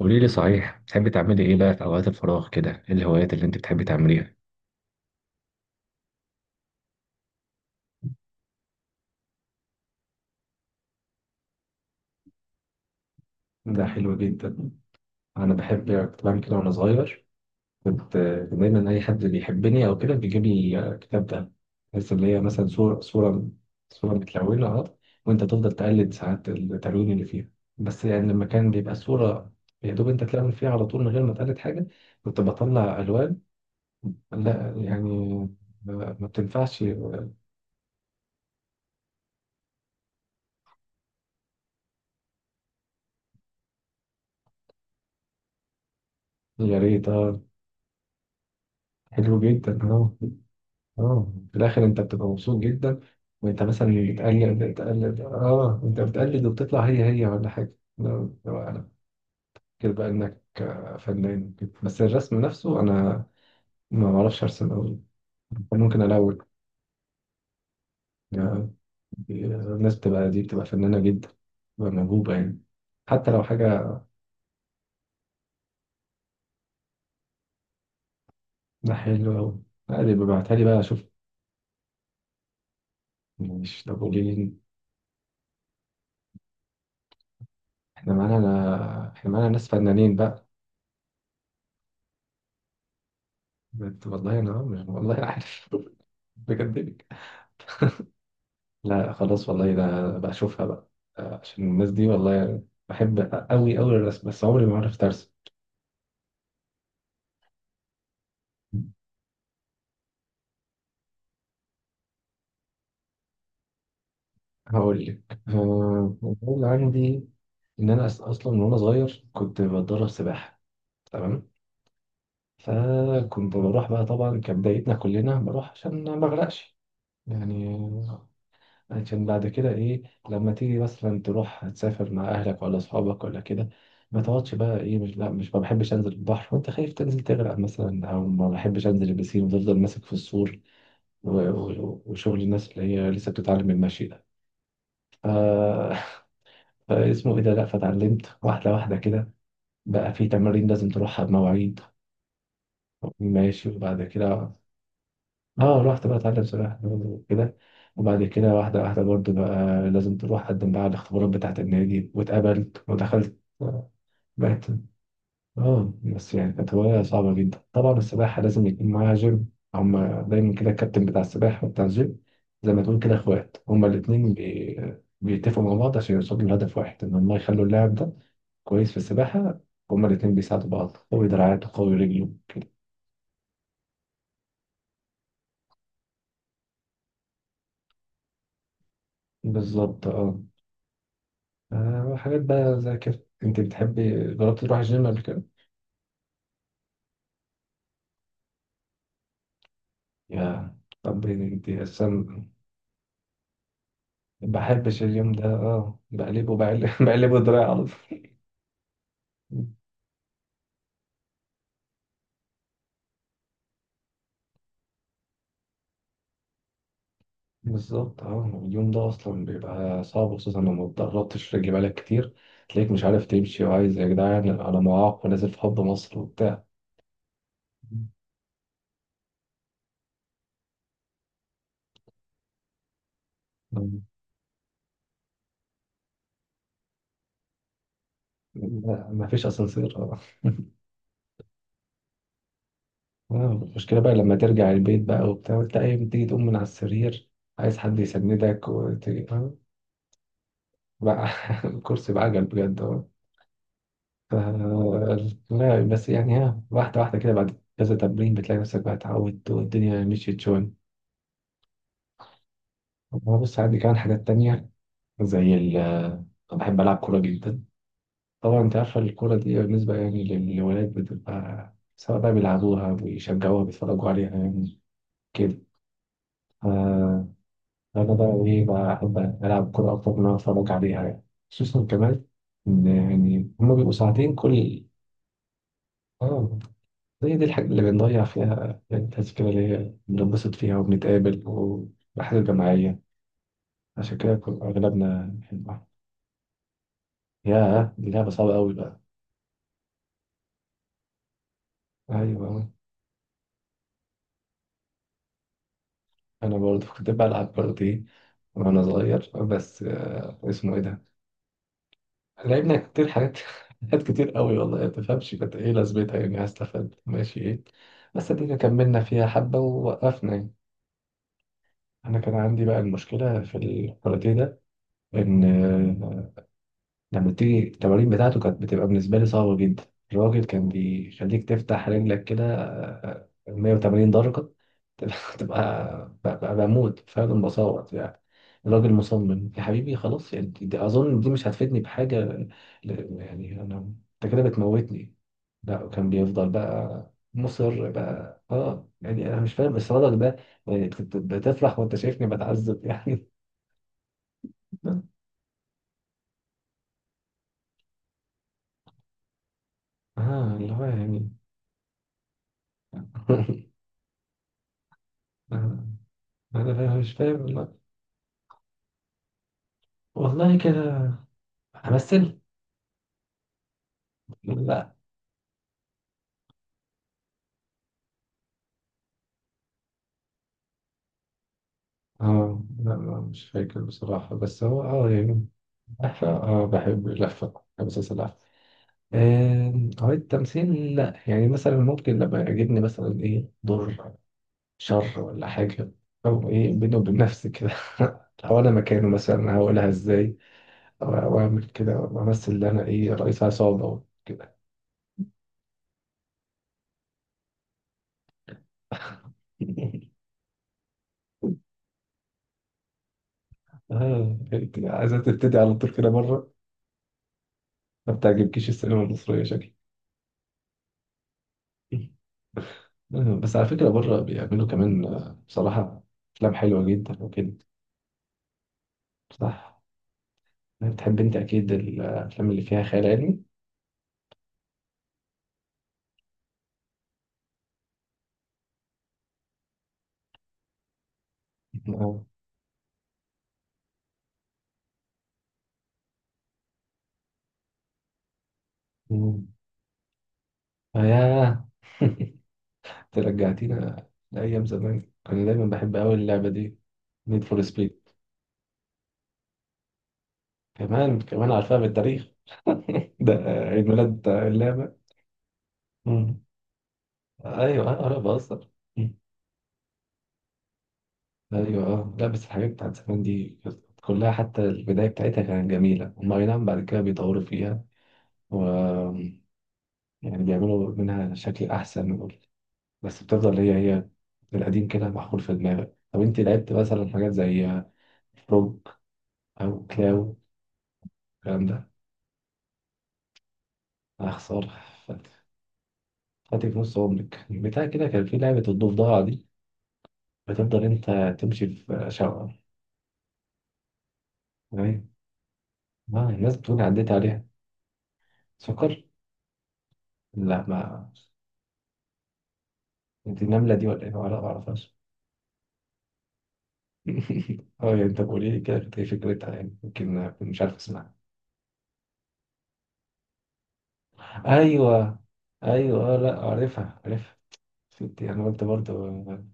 قولي لي، صحيح بتحبي تعملي ايه بقى في اوقات الفراغ كده؟ ايه الهوايات اللي انت بتحبي تعمليها؟ ده حلو جدا. انا بحب، كنت بعمل كده وانا صغير. كنت، كان دايما اي حد بيحبني او كده بيجيب لي كتاب ده. بس اللي هي مثلا صوره، صوره متلونه اهو، وانت تفضل تقلد ساعات التلوين اللي فيها. بس يعني لما كان بيبقى الصوره، يا دوب انت تلون فيها على طول من غير ما تقلد حاجه. كنت بطلع الوان لا يعني، ما بتنفعش. يا ريت اه. حلو جدا اه. اه، في الاخر انت بتبقى مبسوط جدا. وانت مثلا بتقلد اه، انت بتقلد وبتطلع هي هي ولا حاجه؟ لو انا كده بقى انك فنان كده. بس الرسم نفسه انا ما بعرفش ارسم قوي. ممكن الون يعني. الناس بتبقى دي فنانه جدا، بتبقى موهوبه يعني. حتى لو حاجه حلوه قوي. لا اللي ببعتها لي بقى اشوف. مش طب قولي لي، احنا معانا، احنا معانا ناس فنانين بقى. قلت والله انا مش والله عارف. بكدبك. لا خلاص والله، ده بقى اشوفها بقى. عشان الناس دي والله بحب قوي قوي الرسم، بس عمري ما عرفت ارسم. هقول لك، المفروض عندي ان انا اصلا من وانا صغير كنت بتدرب سباحه. تمام. فكنت بروح بقى، طبعا كبدايتنا كلنا بروح عشان ما اغرقش يعني. عشان بعد كده ايه، لما تيجي مثلا تروح تسافر مع اهلك ولا اصحابك ولا كده، ما تقعدش بقى ايه، مش لا، مش ما بحبش انزل البحر وانت خايف تنزل تغرق مثلا، او ما بحبش انزل البسين وتفضل ماسك في السور، وشغل الناس اللي هي لسه بتتعلم المشي ده. ف... فاسمه ايه ده، لا، فتعلمت واحده واحده كده. بقى في تمارين لازم تروحها بمواعيد، ماشي، وبعد كده اه رحت بقى اتعلم سباحة برضه وكده. وبعد كده واحدة واحدة برضه بقى لازم تروح قدم بقى على الاختبارات بتاعة النادي، واتقبلت ودخلت. بقت اه. بس يعني كانت هواية صعبة جدا طبعا. السباحة لازم يكون معاها جيم، هما دايما كده الكابتن بتاع السباحة وبتاع الجيم، زي ما تقول كده اخوات هما الاتنين، بيتفقوا مع بعض عشان يوصلوا لهدف واحد، ان هما يخلوا اللاعب ده كويس في السباحة. هما الاتنين بيساعدوا بعض، قوي دراعاته، قوي رجله كده. بالظبط اه. وحاجات بقى زي كده، انت بتحبي جربتي تروحي الجيم قبل كده؟ يا طب انت اصلا بحبش اليوم ده اه، بقلبه بقلبه دراعي على طول. بالظبط اه، اليوم ده اصلا بيبقى صعب خصوصا لما اتدربتش رجلي بقالك كتير، تلاقيك مش عارف تمشي، وعايز يا جدعان انا معاق ونازل في حب مصر وبتاع. مم. لا، مفيش اسانسير اه. المشكله بقى لما ترجع البيت بقى وبتاع، وتلاقي تيجي تقوم من على السرير، عايز حد يسندك، وتيجي بقى الكرسي بعجل بجد اه. ف- لا بس يعني، ها، واحدة واحدة كده بعد كذا تمرين بتلاقي نفسك بقى اتعودت والدنيا مشيت شوية. أما بص، عندي كمان حاجات تانية زي ال، أنا بحب ألعب كورة جدا. طبعا أنت عارفة الكورة دي بالنسبة يعني للولاد بتبقى، سواء بقى بيلعبوها بيشجعوها بيتفرجوا عليها يعني، كده. ف- أنا بقى إيه بقى، أحب ألعب كورة أكتر من إن أنا أتفرج عليها يعني. خصوصا كمان إن يعني هما بيبقوا ساعتين كل اه. هي دي الحاجة اللي بنضيع فيها يعني، التذكرة اللي هي بننبسط فيها وبنتقابل والرحلات الجماعية. عشان كده، أغلبنا بنحبها. ياه دي لعبة صعبة أوي بقى. أيوة، أنا برضه كنت بلعب برضه دي وأنا صغير، بس اسمه إيه ده؟ لعبنا كتير حاجات حاجات كتير أوي والله، ما تفهمش كانت إيه لازمتها يعني، هستفاد ماشي إيه. بس دي كملنا فيها حبة ووقفنا يعني. أنا كان عندي بقى المشكلة في الكاراتيه ده، إن آه، لما تيجي التمارين بتاعته كانت بتبقى بالنسبة لي صعبة جدا. الراجل كان بيخليك تفتح رجلك كده 180 درجة تبقى. ببقى بموت فعلا بصوت يعني. الراجل مصمم، يا حبيبي خلاص يعني، دي أظن دي مش هتفيدني بحاجة. يعني أنا، أنت كده بتموتني. لا كان بيفضل بقى مصر بقى اه، يعني أنا مش فاهم إصرارك ده. يعني أنت بتفرح وأنت شايفني بتعذب يعني. اه اللي هو يعني. آه. انا مش فاهم والله. والله كده. همثل. لا. اه لا لا، مش فاكر بصراحة، بس هو اه يعني لفة، اه، بحب اللفة، بحب أساس اللفة. آه، هو التمثيل لا يعني، مثلا ممكن لما يعجبني مثلا ايه، دور شر ولا حاجة، أو ايه، بيني وبين نفسي كده لو أنا مكانه مثلا هقولها ازاي، أو أو أعمل كده وأمثل إن أنا ايه، رئيس عصابة كده. اه، عايزة تبتدي على طول كده مرة. ما بتعجبكيش السينما المصرية شكلي. بس على فكرة بره بيعملوا كمان بصراحة أفلام حلوة جدا وكده. صح. يعني بتحب أنت أكيد الأفلام اللي فيها خيال علمي. آه. مم. ياه. أنت رجعتينا لأيام زمان، كان دايما بحب أوي اللعبة دي. نيد فور سبيد، كمان كمان عارفها بالتاريخ. ده عيد ميلاد اللعبة. مم. أيوه أنا بعرف أصلا. ايوه اه، لا بس الحاجات بتاعت زمان دي كانت كلها حتى البدايه بتاعتها كانت جميله، هم اي نعم بعد كده بيطوروا فيها و، يعني بيعملوا منها شكل احسن بس بتفضل هي هي، القديم كده محفور في دماغك. طب انت لعبت مثلا حاجات زي روك او كلاو الكلام ده؟ يا خساره. فات- فاتك نص عمرك. بتاع كده كان في لعبه الضفدعه دي، بتفضل انت تمشي في شقه. تمام، ما الناس بتقول عديت عليها. سكر؟ لا ما، انت النمله دي ولا ايه؟ ما اعرفهاش. اه يعني انت قولي لي كده كانت ايه فكرتها، يعني يمكن أكون مش عارف اسمها. ايوه، ايوه لا عارفها عارفها، فهمت. انا قلت برضه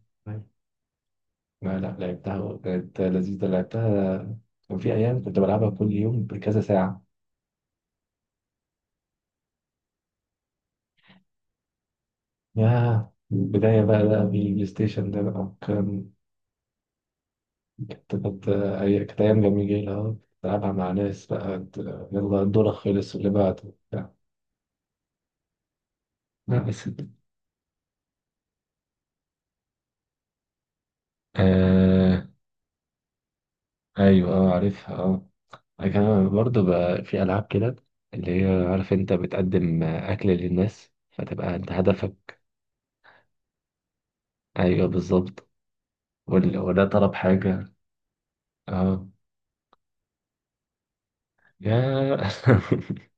لا لا، لعبتها وكانت لذيذة، لعبتها. كان في أيام كنت بلعبها كل يوم بكذا ساعة. ياه البداية بقى، ده بالبلاي ستيشن ده بقى كان، كانت كانت كانت أيام جميلة أهو. بلعبها مع ناس بقى يلا دورك خلص واللي بعده بتاع. لا بس، آه. أيوه أه عارفها أه. أنا كمان برضه بقى في ألعاب كده، اللي هي عارف أنت بتقدم أكل للناس فتبقى أنت هدفك. أيوه بالظبط، وده طلب حاجة. أه. يا.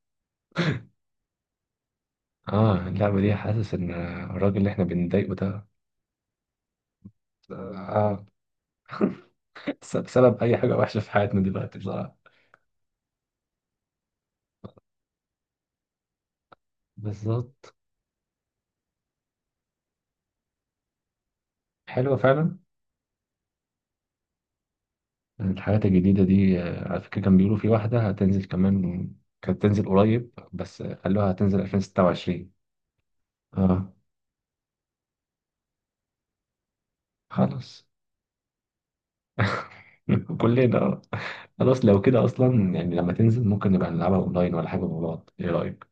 أه اللعبة دي، حاسس إن الراجل اللي إحنا بنضايقه ده، أه، سبب أي حاجة وحشة في حياتنا دلوقتي بصراحة. بالظبط. حلوة فعلا. الحاجات الجديدة دي على فكرة كان بيقولوا في واحدة هتنزل كمان، كانت تنزل قريب بس خلوها هتنزل 2026. أه. خلاص. كلنا آه. خلاص لو كده اصلا يعني لما تنزل ممكن نبقى نلعبها اونلاين ولا حاجه مع بعض، ايه رايك؟